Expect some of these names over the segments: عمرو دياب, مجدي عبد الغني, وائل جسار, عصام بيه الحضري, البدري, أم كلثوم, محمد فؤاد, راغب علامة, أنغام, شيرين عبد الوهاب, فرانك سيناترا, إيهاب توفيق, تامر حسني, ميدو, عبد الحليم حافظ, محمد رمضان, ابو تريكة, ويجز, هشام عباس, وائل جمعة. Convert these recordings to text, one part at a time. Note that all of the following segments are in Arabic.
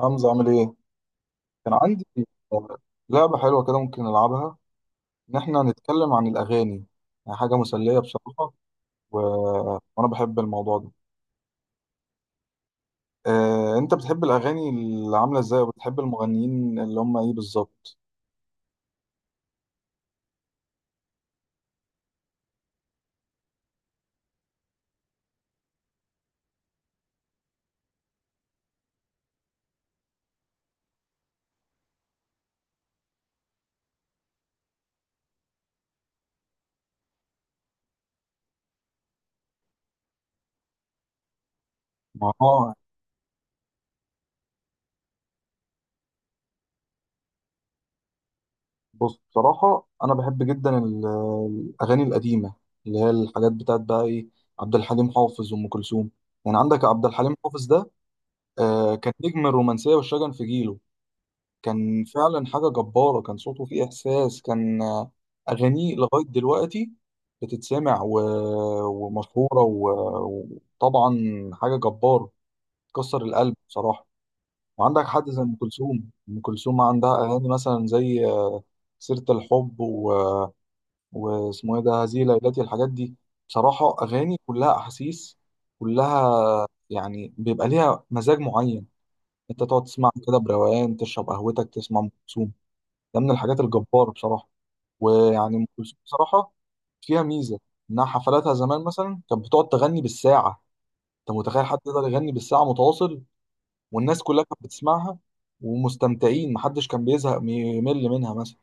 حمزة عامل ايه؟ كان عندي آه، لعبة حلوة كده ممكن نلعبها، إن إحنا نتكلم عن الأغاني. يعني حاجة مسلية بصراحة. و... وأنا بحب الموضوع ده. أنت بتحب الأغاني اللي عاملة ازاي، وبتحب المغنيين اللي هم ايه بالظبط؟ ما هو بص بصراحة أنا بحب جدا الأغاني القديمة، اللي هي الحاجات بتاعت بقى ايه، عبد الحليم حافظ وأم كلثوم. يعني عندك عبد الحليم حافظ ده، كان نجم الرومانسية والشجن في جيله. كان فعلا حاجة جبارة، كان صوته فيه إحساس، كان آه، أغانيه لغاية دلوقتي بتتسمع ومشهورة وطبعا حاجة جبارة تكسر القلب بصراحة. وعندك حد زي أم كلثوم، أم كلثوم عندها أغاني مثلا زي سيرة الحب واسمه إيه ده، هذه ليلتي، الحاجات دي بصراحة أغاني كلها أحاسيس، كلها يعني بيبقى ليها مزاج معين. أنت تقعد تسمع كده بروقان، تشرب قهوتك، تسمع أم كلثوم، ده من الحاجات الجبارة بصراحة. ويعني أم كلثوم بصراحة فيها ميزة، إنها حفلاتها زمان مثلا كانت بتقعد تغني بالساعة. أنت متخيل حد يقدر يغني بالساعة متواصل، والناس كلها كانت بتسمعها ومستمتعين، محدش كان بيزهق يمل منها مثلا.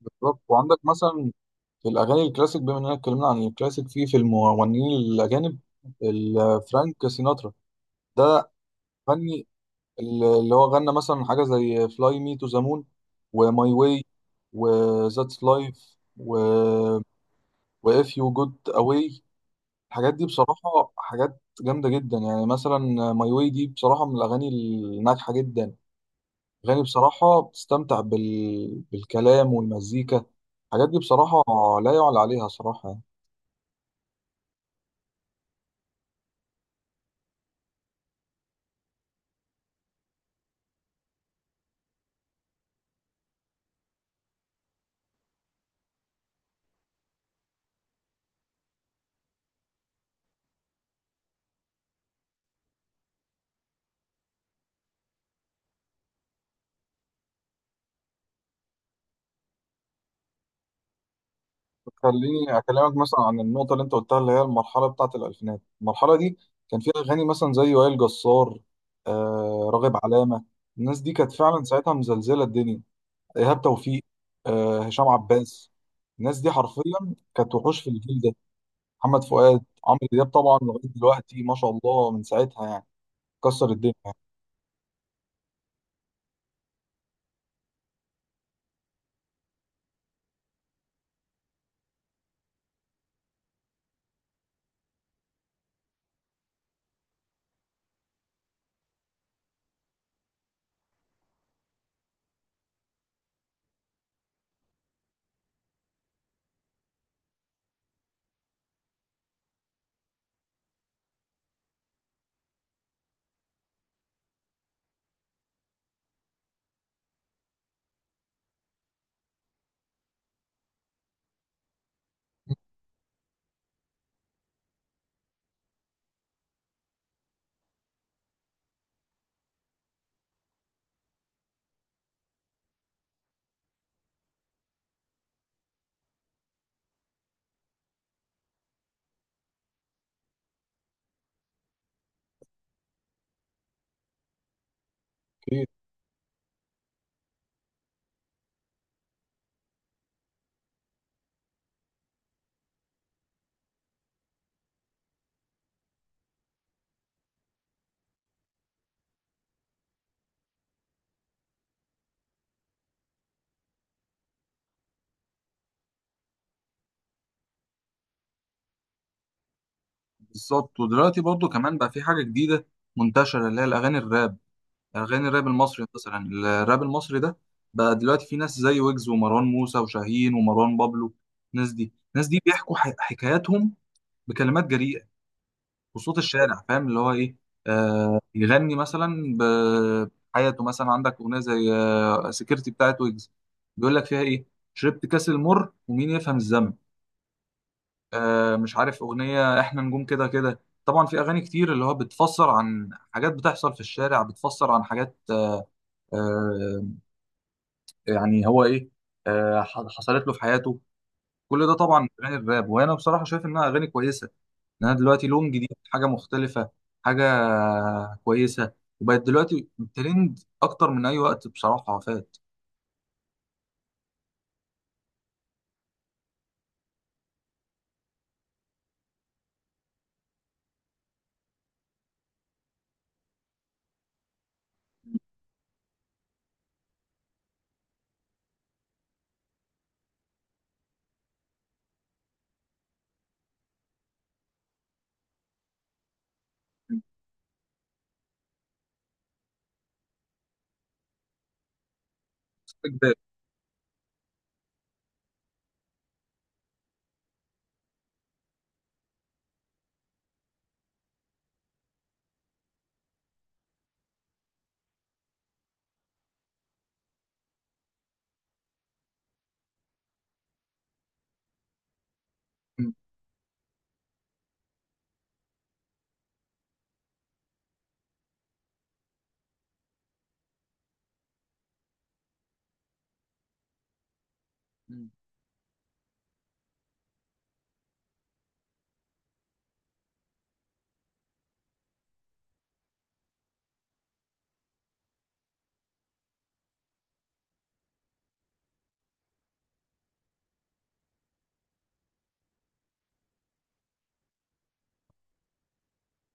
بالظبط، وعندك مثلا في الأغاني الكلاسيك، بما إننا اتكلمنا عن الكلاسيك في المغنيين الأجانب، فرانك سيناترا ده غني، اللي هو غنى مثلا حاجة زي فلاي مي تو ذا مون، وماي واي، وذاتس لايف، و واف يو جود اواي. الحاجات دي بصراحة حاجات جامدة جدا يعني، مثلا ماي واي دي بصراحة من الأغاني الناجحة جدا. أغاني بصراحة بتستمتع بالكلام والمزيكا، الحاجات دي بصراحة لا يعلى عليها صراحة يعني. خليني اكلمك مثلا عن النقطه اللي انت قلتها، اللي هي المرحله بتاعه الالفينات. المرحله دي كان فيها اغاني مثلا زي وائل جسار، راغب علامه، الناس دي كانت فعلا ساعتها مزلزله الدنيا، ايهاب توفيق، هشام عباس. الناس دي حرفيا كانت وحوش في الجيل ده، محمد فؤاد، عمرو دياب طبعا لغايه دلوقتي ما شاء الله من ساعتها يعني كسر الدنيا. اوكي. بالظبط، ودلوقتي برضو كمان بقى في حاجه جديده منتشره، اللي هي الاغاني الراب، اغاني الراب المصري مثلا. الراب المصري ده بقى دلوقتي في ناس زي ويجز ومروان موسى وشاهين ومروان بابلو. الناس دي، الناس دي بيحكوا حكاياتهم بكلمات جريئه وصوت الشارع، فاهم اللي هو ايه؟ يغني مثلا بحياته، مثلا عندك اغنيه زي سكيورتي بتاعت ويجز، بيقول لك فيها ايه؟ شربت كاس المر ومين يفهم الذنب. مش عارف اغنيه، احنا نجوم كده كده. طبعا في اغاني كتير اللي هو بتفسر عن حاجات بتحصل في الشارع، بتفسر عن حاجات، آه، يعني هو ايه، حصلت له في حياته. كل ده طبعا من اغاني الراب، وانا بصراحه شايف انها اغاني كويسه، ان انا دلوقتي لون جديد، حاجه مختلفه، حاجه كويسه، وبقت دلوقتي ترند اكتر من اي وقت بصراحه فات. استجداد. م- م.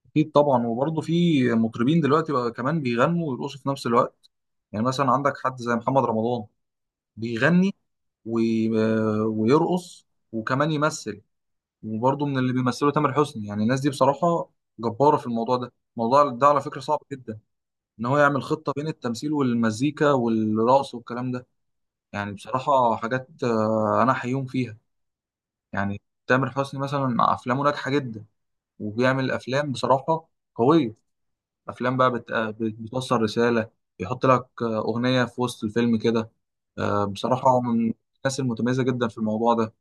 اكيد طبعا، وبرضه في مطربين دلوقتي بقى كمان بيغنوا ويرقصوا في نفس الوقت. يعني مثلا عندك حد زي محمد رمضان، بيغني وي- ويرقص وكمان يمثل. وبرضه من اللي بيمثلوا تامر حسني، يعني الناس دي بصراحة جبارة في الموضوع ده. الموضوع ده على فكرة صعب جدا، إن هو يعمل خطة بين التمثيل والمزيكا والرقص والكلام ده. يعني بصراحة حاجات أنا حيوم فيها يعني. تامر حسني مثلا أفلامه ناجحة جدا، وبيعمل أفلام بصراحة قوية، أفلام بقى بتوصل رسالة، يحط لك أغنية في وسط الفيلم كده. بصراحة هو من الناس المتميزة جدا في الموضوع ده.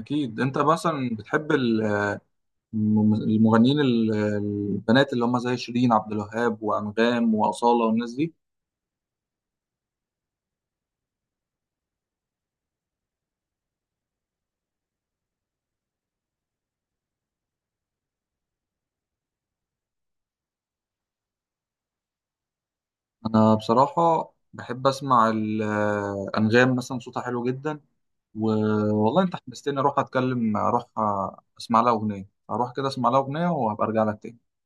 أكيد، أنت مثلا بتحب المغنيين البنات اللي هم زي شيرين عبد الوهاب وأنغام وأصالة والناس دي؟ أنا بصراحة بحب أسمع أنغام، مثلا صوتها حلو جدا. والله أنت حمستني أروح أتكلم، أروح أسمع لها أغنية، أروح كده أسمع لها أغنية، وهبقى أرجع لك تاني.